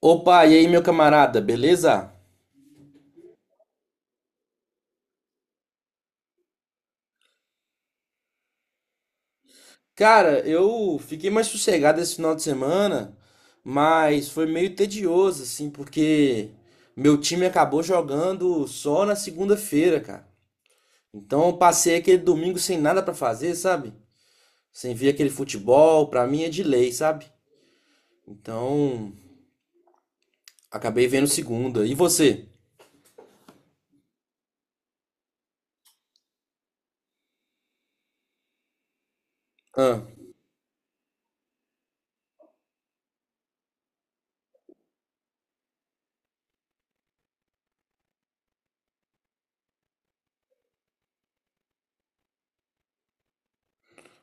Opa, e aí, meu camarada, beleza? Cara, eu fiquei mais sossegado esse final de semana, mas foi meio tedioso, assim, porque meu time acabou jogando só na segunda-feira, cara. Então eu passei aquele domingo sem nada pra fazer, sabe? Sem ver aquele futebol, pra mim é de lei, sabe? Então, acabei vendo segunda. E você? Ah,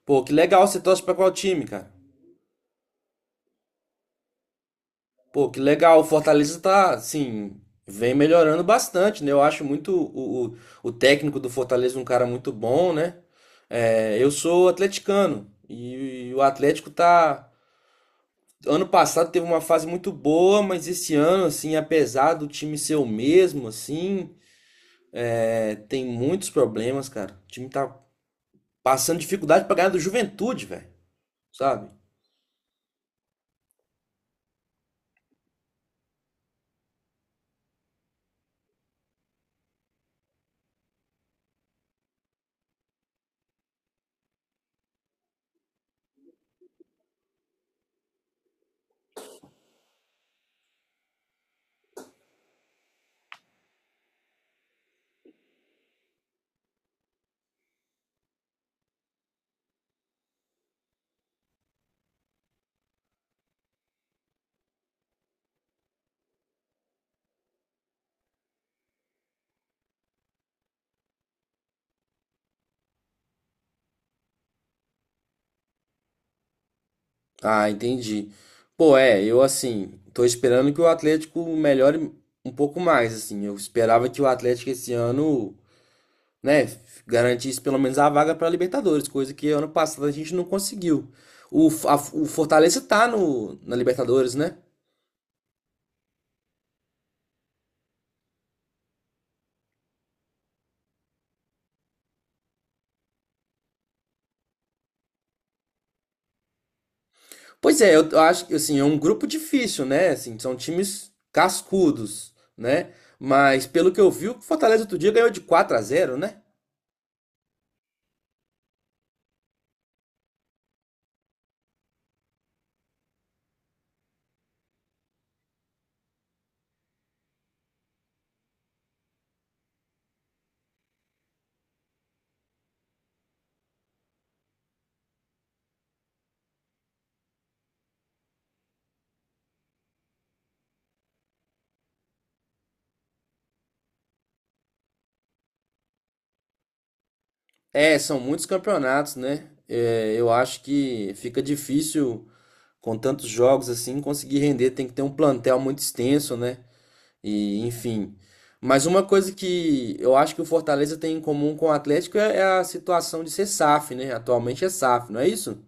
pô, que legal, você torce pra qual time, cara? Pô, que legal. O Fortaleza tá, assim, vem melhorando bastante, né? Eu acho muito o técnico do Fortaleza um cara muito bom, né? É, eu sou atleticano e o Atlético tá. Ano passado teve uma fase muito boa, mas esse ano, assim, apesar do time ser o mesmo, assim, é, tem muitos problemas, cara. O time tá passando dificuldade pra ganhar do Juventude, velho. Sabe? Ah, entendi. Pô, é, eu assim, tô esperando que o Atlético melhore um pouco mais, assim. Eu esperava que o Atlético esse ano, né, garantisse pelo menos a vaga pra Libertadores, coisa que ano passado a gente não conseguiu. O Fortaleza tá no, na Libertadores, né? Pois é, eu, acho que assim, é um grupo difícil, né? Assim, são times cascudos, né? Mas pelo que eu vi, o Fortaleza outro dia ganhou de 4 a zero, né? É, são muitos campeonatos, né? É, eu acho que fica difícil com tantos jogos assim conseguir render. Tem que ter um plantel muito extenso, né? E enfim. Mas uma coisa que eu acho que o Fortaleza tem em comum com o Atlético é a situação de ser SAF, né? Atualmente é SAF, não é isso?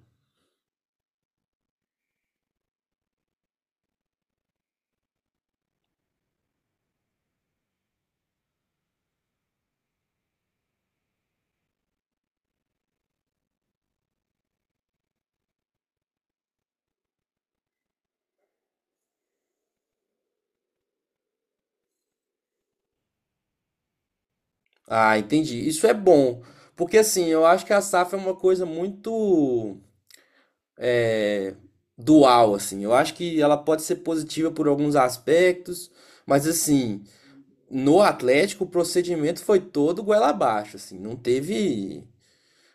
Ah, entendi. Isso é bom. Porque assim, eu acho que a SAF é uma coisa muito é, dual, assim. Eu acho que ela pode ser positiva por alguns aspectos, mas assim. No Atlético, o procedimento foi todo goela abaixo, assim, não teve,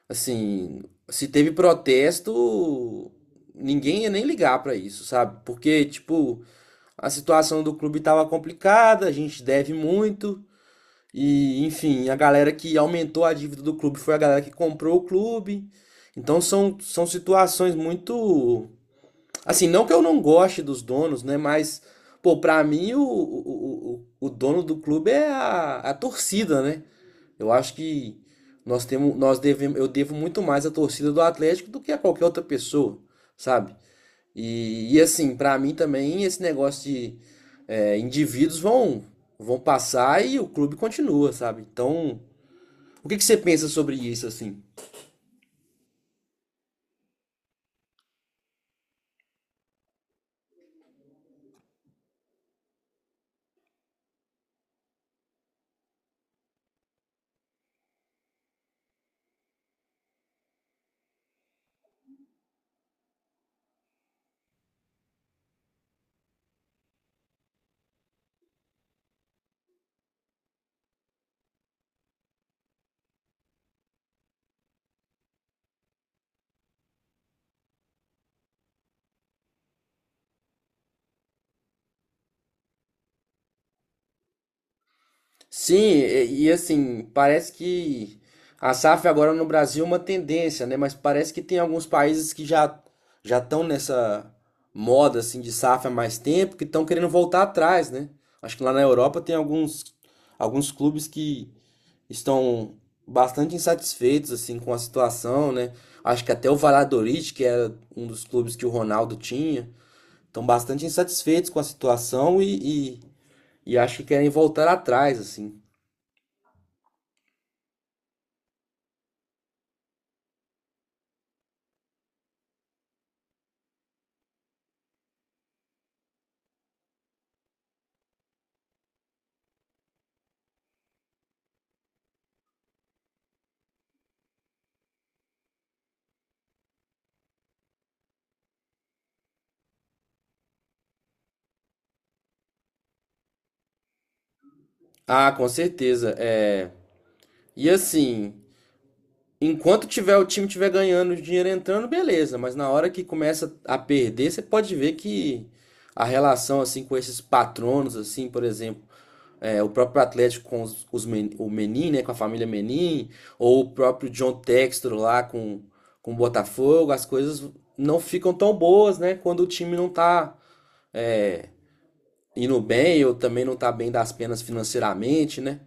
assim, se teve protesto, ninguém ia nem ligar pra isso, sabe? Porque, tipo, a situação do clube tava complicada, a gente deve muito e, enfim, a galera que aumentou a dívida do clube foi a galera que comprou o clube. Então são situações muito. Assim, não que eu não goste dos donos, né? Mas, pô, pra mim o dono do clube é a torcida, né? Eu acho que nós temos, nós devemos, eu devo muito mais à torcida do Atlético do que a qualquer outra pessoa, sabe? E assim, pra mim também esse negócio de é, vão passar e o clube continua, sabe? Então, o que que você pensa sobre isso, assim? Sim, e assim, parece que a SAF agora no Brasil é uma tendência, né? Mas parece que tem alguns países que já estão nessa moda assim de SAF há mais tempo, que estão querendo voltar atrás, né? Acho que lá na Europa tem alguns clubes que estão bastante insatisfeitos assim com a situação, né? Acho que até o Valladolid, que era um dos clubes que o Ronaldo tinha, estão bastante insatisfeitos com a situação e acho que querem voltar atrás, assim. Ah, com certeza. É. E assim, enquanto tiver o time tiver ganhando, o dinheiro entrando, beleza. Mas na hora que começa a perder, você pode ver que a relação assim com esses patronos, assim, por exemplo, é, o próprio Atlético com os o Menin, né, com a família Menin, ou o próprio John Textor lá com o Botafogo, as coisas não ficam tão boas, né, quando o time não tá é, indo bem ou também não tá bem das penas financeiramente, né?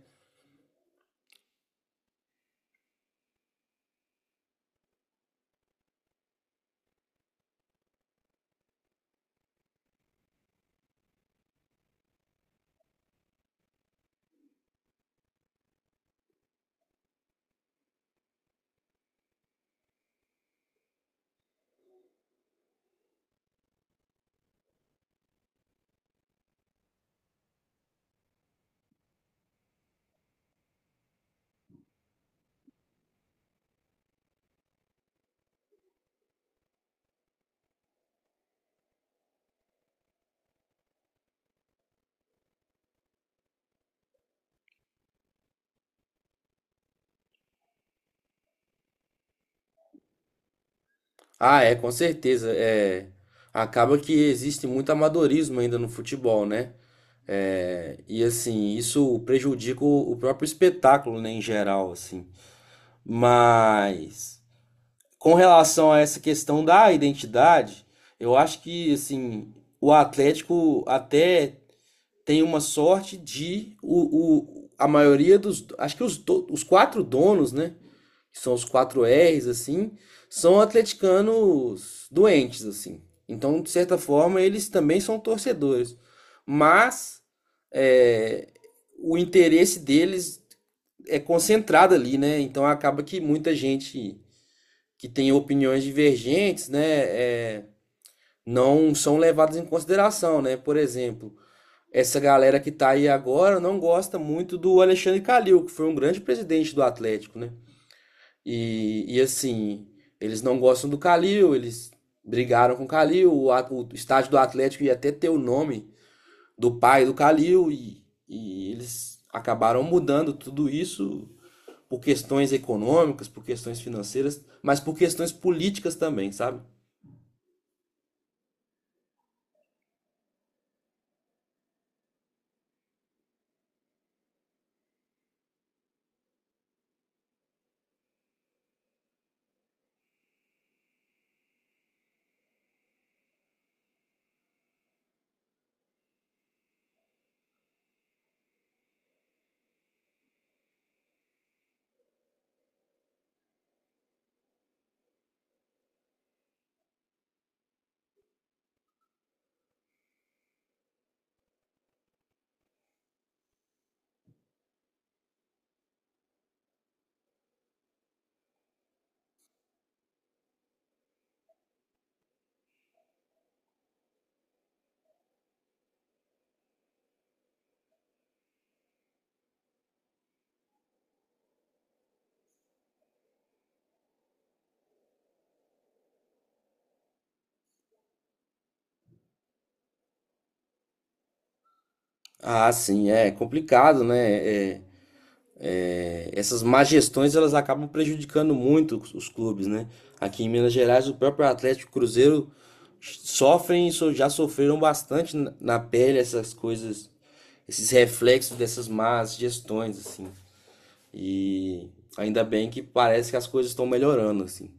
Ah, é, com certeza. É, acaba que existe muito amadorismo ainda no futebol, né? É, e assim, isso prejudica o próprio espetáculo, né, em geral, assim. Mas com relação a essa questão da identidade, eu acho que assim, o Atlético até tem uma sorte de a maioria dos, acho que os quatro donos, né? Que são os quatro R's, assim, são atleticanos doentes, assim. Então, de certa forma, eles também são torcedores. Mas é, o interesse deles é concentrado ali, né? Então acaba que muita gente que tem opiniões divergentes, né, é, não são levadas em consideração, né? Por exemplo, essa galera que tá aí agora não gosta muito do Alexandre Calil, que foi um grande presidente do Atlético, né? E assim, eles não gostam do Calil, eles brigaram com o Calil, o estádio do Atlético ia até ter o nome do pai do Calil, e eles acabaram mudando tudo isso por questões econômicas, por questões financeiras, mas por questões políticas também, sabe? Ah, sim, é complicado, né? Essas má gestões elas acabam prejudicando muito os clubes, né? Aqui em Minas Gerais, o próprio Atlético e Cruzeiro já sofreram bastante na pele essas coisas, esses reflexos dessas más gestões, assim. E ainda bem que parece que as coisas estão melhorando, assim.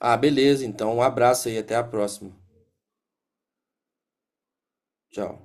Ah, beleza, então um abraço aí, até a próxima. Tchau.